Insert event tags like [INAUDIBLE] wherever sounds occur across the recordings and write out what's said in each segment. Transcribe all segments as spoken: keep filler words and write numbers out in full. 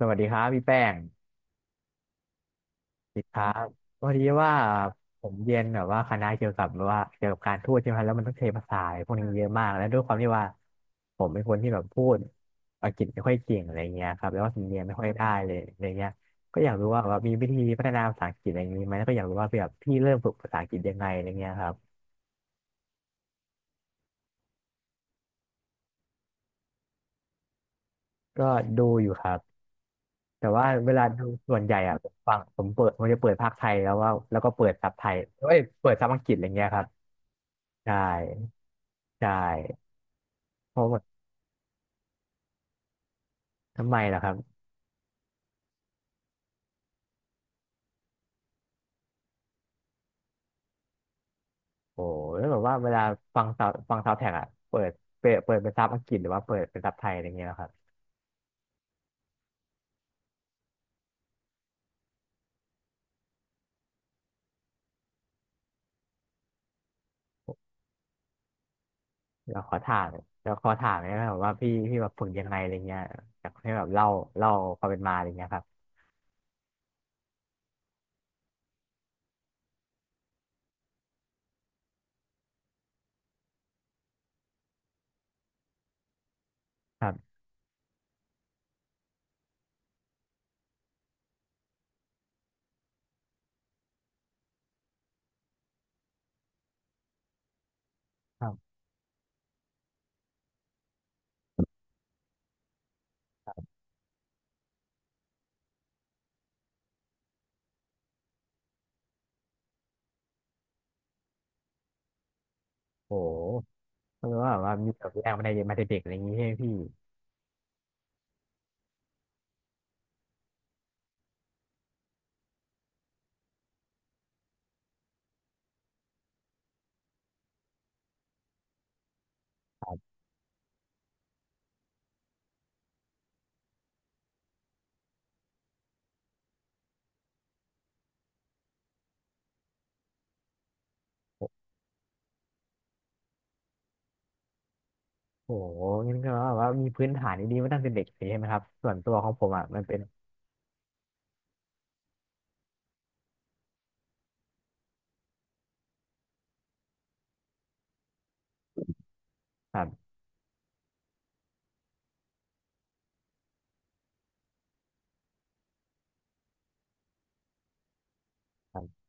สวัสดีครับพี่แป้งสิครับพอดีว่าผมเรียนแบบว่าคณะเกี่ยวกับแบบว่าเกี่ยวกับการทูตใช่ไหมครับแล้วมันต้องใช้ภาษาพวกนี้เยอะมากแล้วด้วยความที่ว่าผมเป็นคนที่แบบพูดอังกฤษไม่ค่อยเก่งอะไรเงี้ยครับแล้วก็สำเนียงไม่ค่อยได้เลยอะไรเงี้ยก็อยากรู้ว่าแบบมีวิธีพัฒนาภาษาอังกฤษอะไรอย่างนี้ไหมแล้วก็อยากรู้ว่าแบบพี่เริ่มฝึกภาษาอังกฤษยังไงอะไรเงี้ยครับก็ดูอยู่ครับแต่ว่าเวลาดูส่วนใหญ่อะผมฟังผมเปิดผมจะเปิดภาคไทยแล้วว่าแล้วก็เปิดซับไทยเอ้ยเปิดซับอังกฤษอะไรเงี้ยครับใช่ ใช่เพราะแบบทำไมล่ะครับโอ้แล้วแบบว่าเวลาฟังซาวฟังซาวแท็กอะเปิดเปิดเปิดเป็นซับอังกฤษหรือว่าเปิดเป็นซับไทยอะไรเงี้ยนะครับแล้วขอถามแล้วขอถามเนี่ยะครับว่าพี่พี่แบบฝึกยังไงอะไรเงี้ยอยากให้แบบเล่าเล่าความเป็นมาอะไรเงี้ยครับครับครับโอ้แปลว่าแบบว่ามีแบบแรงมาแตมาแต่เด็กอะไรอย่างงี้ใช่ไหมพี่โอ้โหงั้นก็แบบว่ามีพื้นฐานดีๆมาตั้งแต่เด็กเลยใช่ไหมครับส่วนตัวของผมอ่ะมันเป็นครับครับ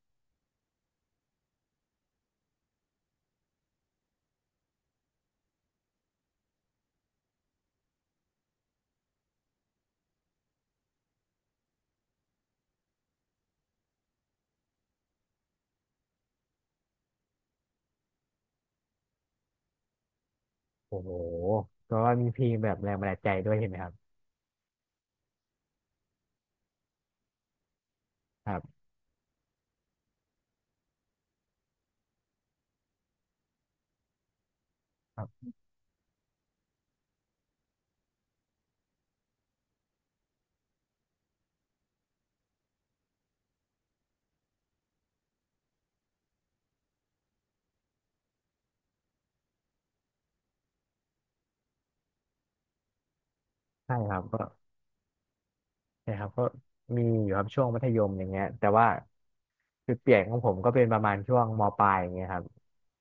โอ้โหเพราะว่ามีเพลงแบบแรงบันดาลใจด้วยเห็นไหมครับครับ ใช่ครับก็ ใช่ครับก็มีอยู่ครับช่วงมัธยมอย่างเงี้ยแต่ว่าจุดเปลี่ยนของผมก็เป็นประมาณช่วงมปลายอย่างเงี้ยครับ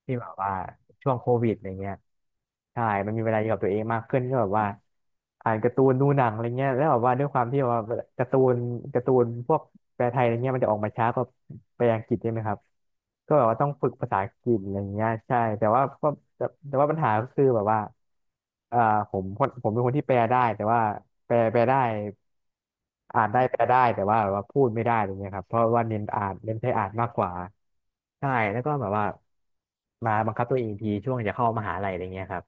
ที่แบบว่าช่วงโควิดอย่างเงี้ยใช่มันมีเวลาอยู่กับตัวเองมากขึ้นก็แบบว่าอ่านการ์ตูนดูหนังอะไรเงี้ยแล้วแบบว่าด้วยความที่แบบว่าการ์ตูนการ์ตูนพวกแปลไทยอะไรเงี้ยมันจะออกมาช้ากว่าแปลอังกฤษใช่ไหมครับก็แบบว่าต้องฝึกภาษาอังกฤษอะไรเงี้ยใช่แต่ว่าก็แต่แต่ว่าปัญหาก็คือแบบว่าเอ่อผมคนผมเป็นคนที่แปลได้แต่ว่าแปลแปลได้ อ่านได้แปลได้แต่ว่าแบบว่าพูดไม่ได้อะไรเงี้ยครับเพราะว่าเน้นอ่านเน้นใช้อ่านมากกว่าใช่แล้วก็แบบว่ามาบังคับตัวเองอีกทีช่วงจะเข้ามหาลัยอะไรเงี้ยครับ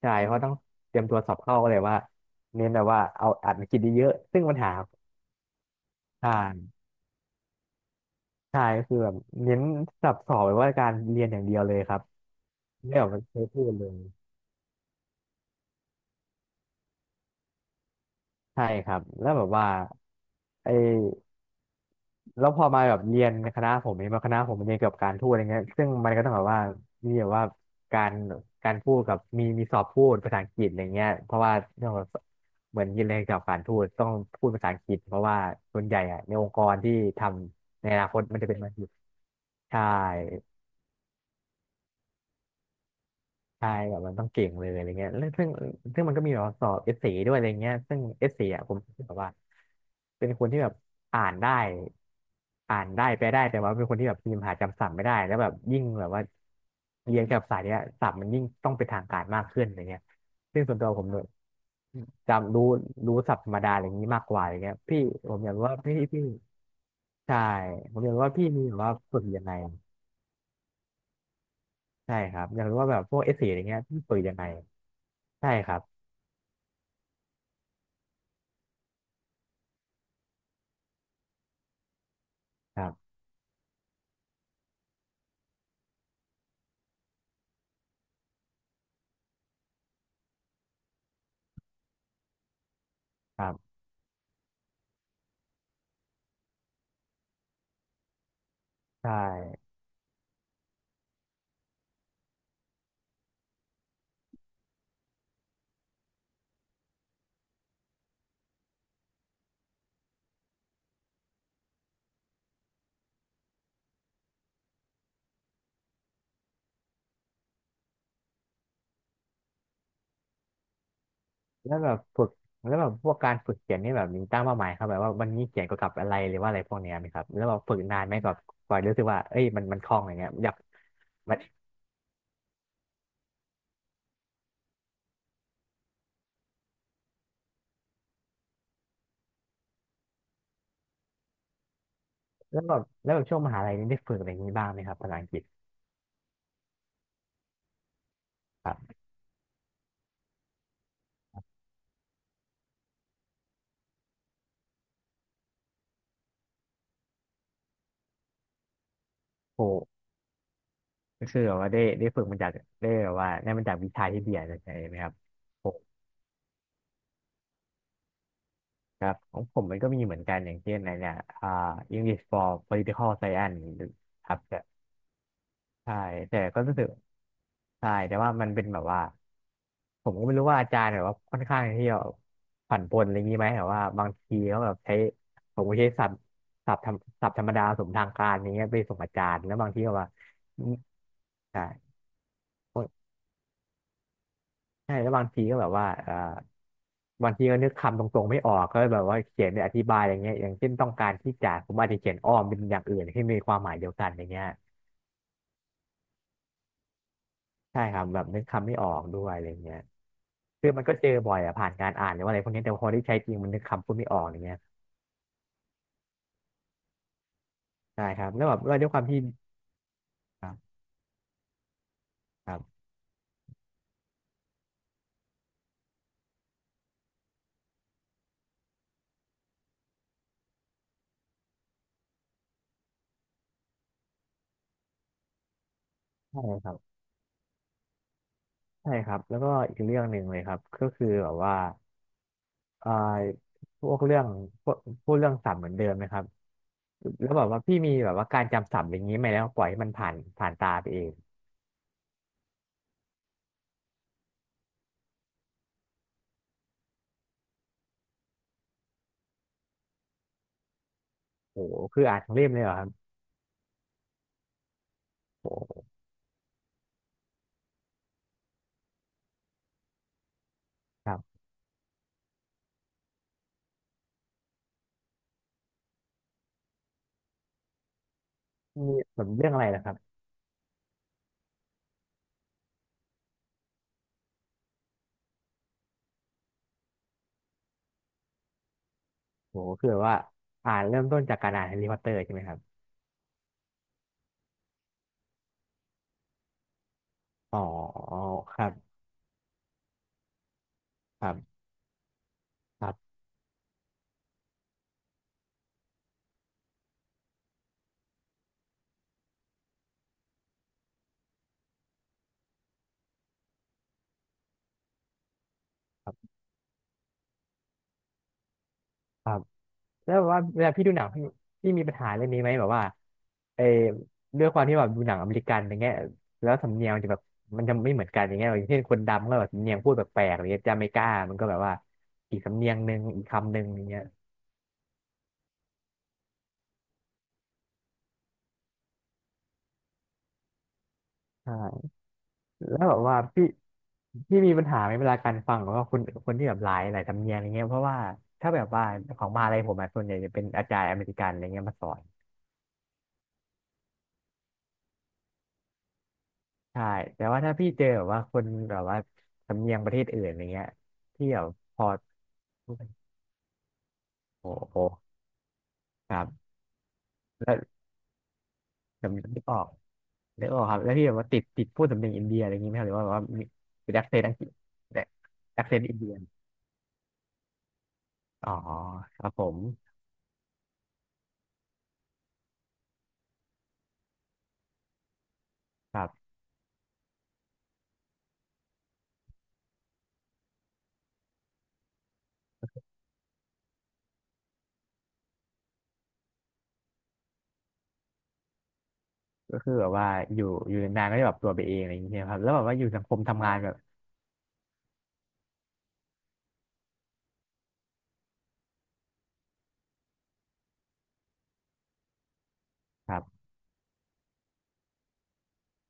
ใช่เพราะต้องเตรียมตัวสอบเข้าก็เลยว่าเน้นแบบว่าเอาอ่านกินเยอะๆซึ่งปัญหาใช่ใช่ก็คือแบบเน้นสับสอบแบบว่าการเรียนอย่างเดียวเลยครับไม่ออกมาใช้พูดเลยใช่ครับแล้วแบบว่าไอ แล้วพอมาแบบเรียนในคณะผมเองมาคณะผมมันเรียนเกี่ยวกับการพูดอะไรเงี้ยซึ่งมันก็ต้องแบบว่ามีแบบว่าการการพูดกับมีมีสอบพูดภาษาอังกฤษอะไรเงี้ยเพราะว่าเรื่องแบบเหมือนยินเรียนเกี่ยวกับการพูตต้องพูดภาษาอังกฤษเพราะว่าส่วนใหญ่อะในองค์กรที่ทำในอนาคตมันจะเป็นภาษาอังกฤษใช่ ใช่แบบมันต้องเก่งเลยอะไรเงี้ยแล้วซึ่งซึ่งมันก็มีแบบว่าสอบเอสเซด้วยอะไรเงี้ยซึ่งเอสเซอ่อะผมคิดแบบว่าเป็นคนที่แบบอ่านได้อ่านได้แปลได้แต่ว่าเป็นคนที่แบบพิมพ์หาจำศัพท์ไม่ได้แล้วแบบยิ่งแบบว่าเรียนกับสายเนี้ยศัพท์มันยิ่งต้องเป็นทางการมากขึ้นอะไรเงี้ยซึ่งส่วนตัวผมเนี่ยจำรู้รู้ศัพท์ธรรมดาอะไรอย่างนี้มากกว่าอะไรเงี้ยพี่ผมอยากรู้ว่าพี่พี่ใช่ผมอยากรู้ว่าพี่มีแบบว่าฝึกยังไงใช่ครับอยากรู้ว่าแบบพวกเอสเซอะไรเงี้ยพี่ฝึกยังไงใช่ครับครับครับ ใช่แล้วแบบฝึกแล้วแบบพวกการฝึกเขียนนี่แบบมีตั้งเป้าหมายครับแบบว่าวันนี้เขียนเกี่ยวกับอะไรหรือว่าอะไรพวกเนี้ยไหมครับแล้วแบบฝึกนานไหมแบบกว่ารู้สึกว่าเอ้ยมันมันคล่องอะไรเงี้ยอยากมันแล้วแบบแล้วแบบช่วงมหาลัยนี่ได้ฝึกอะไรอย่างนี้บ้างไหมครับภาษาอังกฤษครับโหก็คือแบบว่าได้ได้ฝึกมาจากได้แบบว่าได้มาจากวิชาที่เรียนใช่ไหมครับโหครับของผมมันก็มีเหมือนกันอย่างเช่นอนเนี่ยอ่า English for Political Science ครับ ใช่แต่ก็รู้สึกใช่แต่ว่ามันเป็นแบบว่าผมก็ไม่รู้ว่าอาจารย์แบบว่าค่อนข้างที่จะผันปรนอะไรอย่างนี้ไหมแบบว่าบางทีเขาแบบใช้ผมก็ใช้ศัพท์ศัพท์ธรรมศัพท์ธรรมดาสมทางการอย่างเงี้ยไปส่งอาจารย์แล้วบางทีก็ว่าใช่ใช่แล้วบางทีก็แบบว่าเอ่อบางทีก็นึกคำตรงๆไม่ออกก็แบบว่าเขียนเปอธิบายอย่างเงี้ยอย่างเช่นต้องการที่จะผมอาจจะเขียนอ้อมเป็นอย่างอื่นที่มีความหมายเดียวกันอย่างเงี้ย ใช่ครับแบบนึกคำไม่ออกด้วยอะไรเงี้ยคือมันก็เจอบ่อยอะผ่านการอ่านหรือว่าอะไรพวกนี้แต่พอได้ใช้จริงมันนึกคำพูดไม่ออกอย่างเงี้ยใช่ครับแล้วแบบว่าด้วยความที่ครับครับใช่ครับใช่ครับแล้วก็อีกเรื่องหนึ่งเลยครับก็คือแบบว่าเอ่อพวกเรื่องพวกพูดเรื่องศัพท์เหมือนเดิมไหมครับแล้วแบบว่าพี่มีแบบว่าการจำศัพท์อย่างนี้ไหมแล้วปล่อยให้มันผ่านผ่านตาไปเองโอ้โหคืออ่านทั้งเล่มเลยเหรอครับโอ้โหครับมีแบบเรื่องอะไรนะครับโอ้โหคือแบบว่าอ่านเริ่มต้นจากการอ่านแฮร์รี่พอตเตอร์ใช่ไหมครับ อ๋อครับครับครับครับครับแล้วแบบว่าเวลาพี่ดูหนังพี่พี่มีปัญหาเรื่องนี้ไหมแบบว่าเออด้วยความที่แบบดูหนังอเมริกันอย่างเงี้ยแล้วสำเนียงมันจะแบบมันจะไม่เหมือนกันอย่างเงี้ยอย่างเช่นคนดำก็แบบสำเนียงพูดแปลกๆอะไรเงี้ยจาเมกามันก็แบบว่าอีกสำเนียงหนึ่งอีกคำหนึ่งอย่างเงี้ยใช่แล้วแบบว่าพี่พี่มีปัญหาไหมเวลาการฟังของว่าคนคนที่แบบหลายหลายสำเนียงอย่างเงี้ยเพราะว่าถ้าแบบว่าของมหาลัยผมอะส่วนใหญ่จะเป็นอาจารย์อเมริกันอะไรเงี้ยมาสอน ใช่แต่ว่าถ้าพี่เจอแบบว่าคนแบบว่าสำเนียงประเทศอื่นอะไรเงี้ยพี่แบบพอโอ้โหครับแล้วจำนึกออกนึกออกครับแล้วพี่แบบว่าติดติดพูดสำเนียงอินเดียอะไรเงงี้ยไหมครับหรือว่าแบบว่ามีเป็นแอคเซนต์อังกฤษแต่แอคเซนต์อินเดียอ๋อครับผมครับก็คือแบบว่าอยู่อยู่นานๆก็จะแบบตัวไปเองอะไรอย่างเงี้ยครับแล้วแบบว่าอยู่สังคมทำงานแบบครับ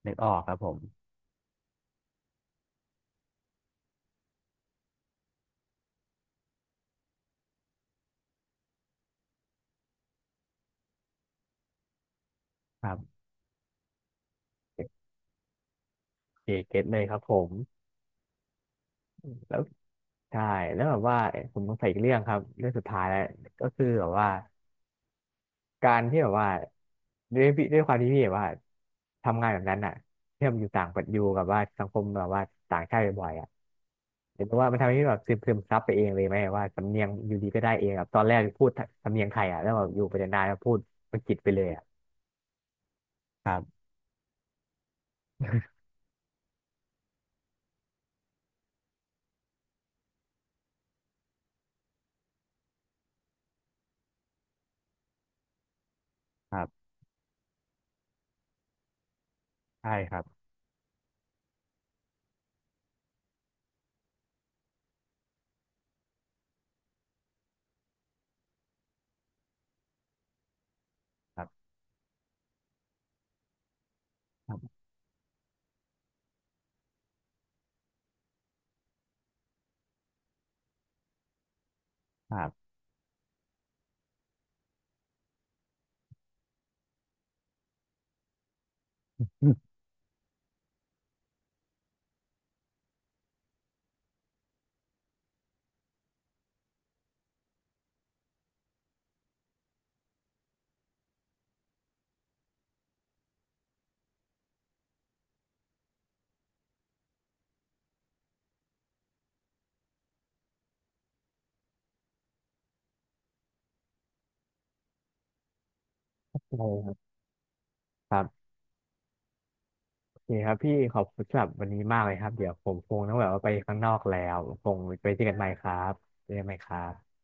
นึกออกครับผมครับเกเก็ตเลยครับผมแล้ว ใช่แล้วแบบว่าผมสงสัยอีกเรื่องครับเรื่องสุดท้ายแล้วก็คือแบบว่าการที่แบบว่าด้วยพี่ด้วยความที่พี่แบบว่าทำงานแบบนั้นอ่ะที่แบบอยู่ต่างประเทศอยู่กับว่าสังคมแบบว่าต่างชาติบ่อยๆอ่ะเห็นว่ามันทำให้พี่แบบซึมซึมซับไปเองเลยไหมว่าสำเนียงอยู่ดีก็ได้เองแบบตอนแรกพูดสำเนียงไทยอ่ะแล้วแบบอยู่ไปนานๆแล้วพูดอังกฤษไปเลยอ่ะครับใช่ครับครับครับครับ [LAUGHS] ใช่ครับครับ โอเคครับพี่ขอบคุณสำหรับวันนี้มากเลยครับเดี๋ยวผมคงต้องแบบว่าไปข้างนอกแล้วคงไปเจอกันใหม่ครับเจอกันใหม่ครับ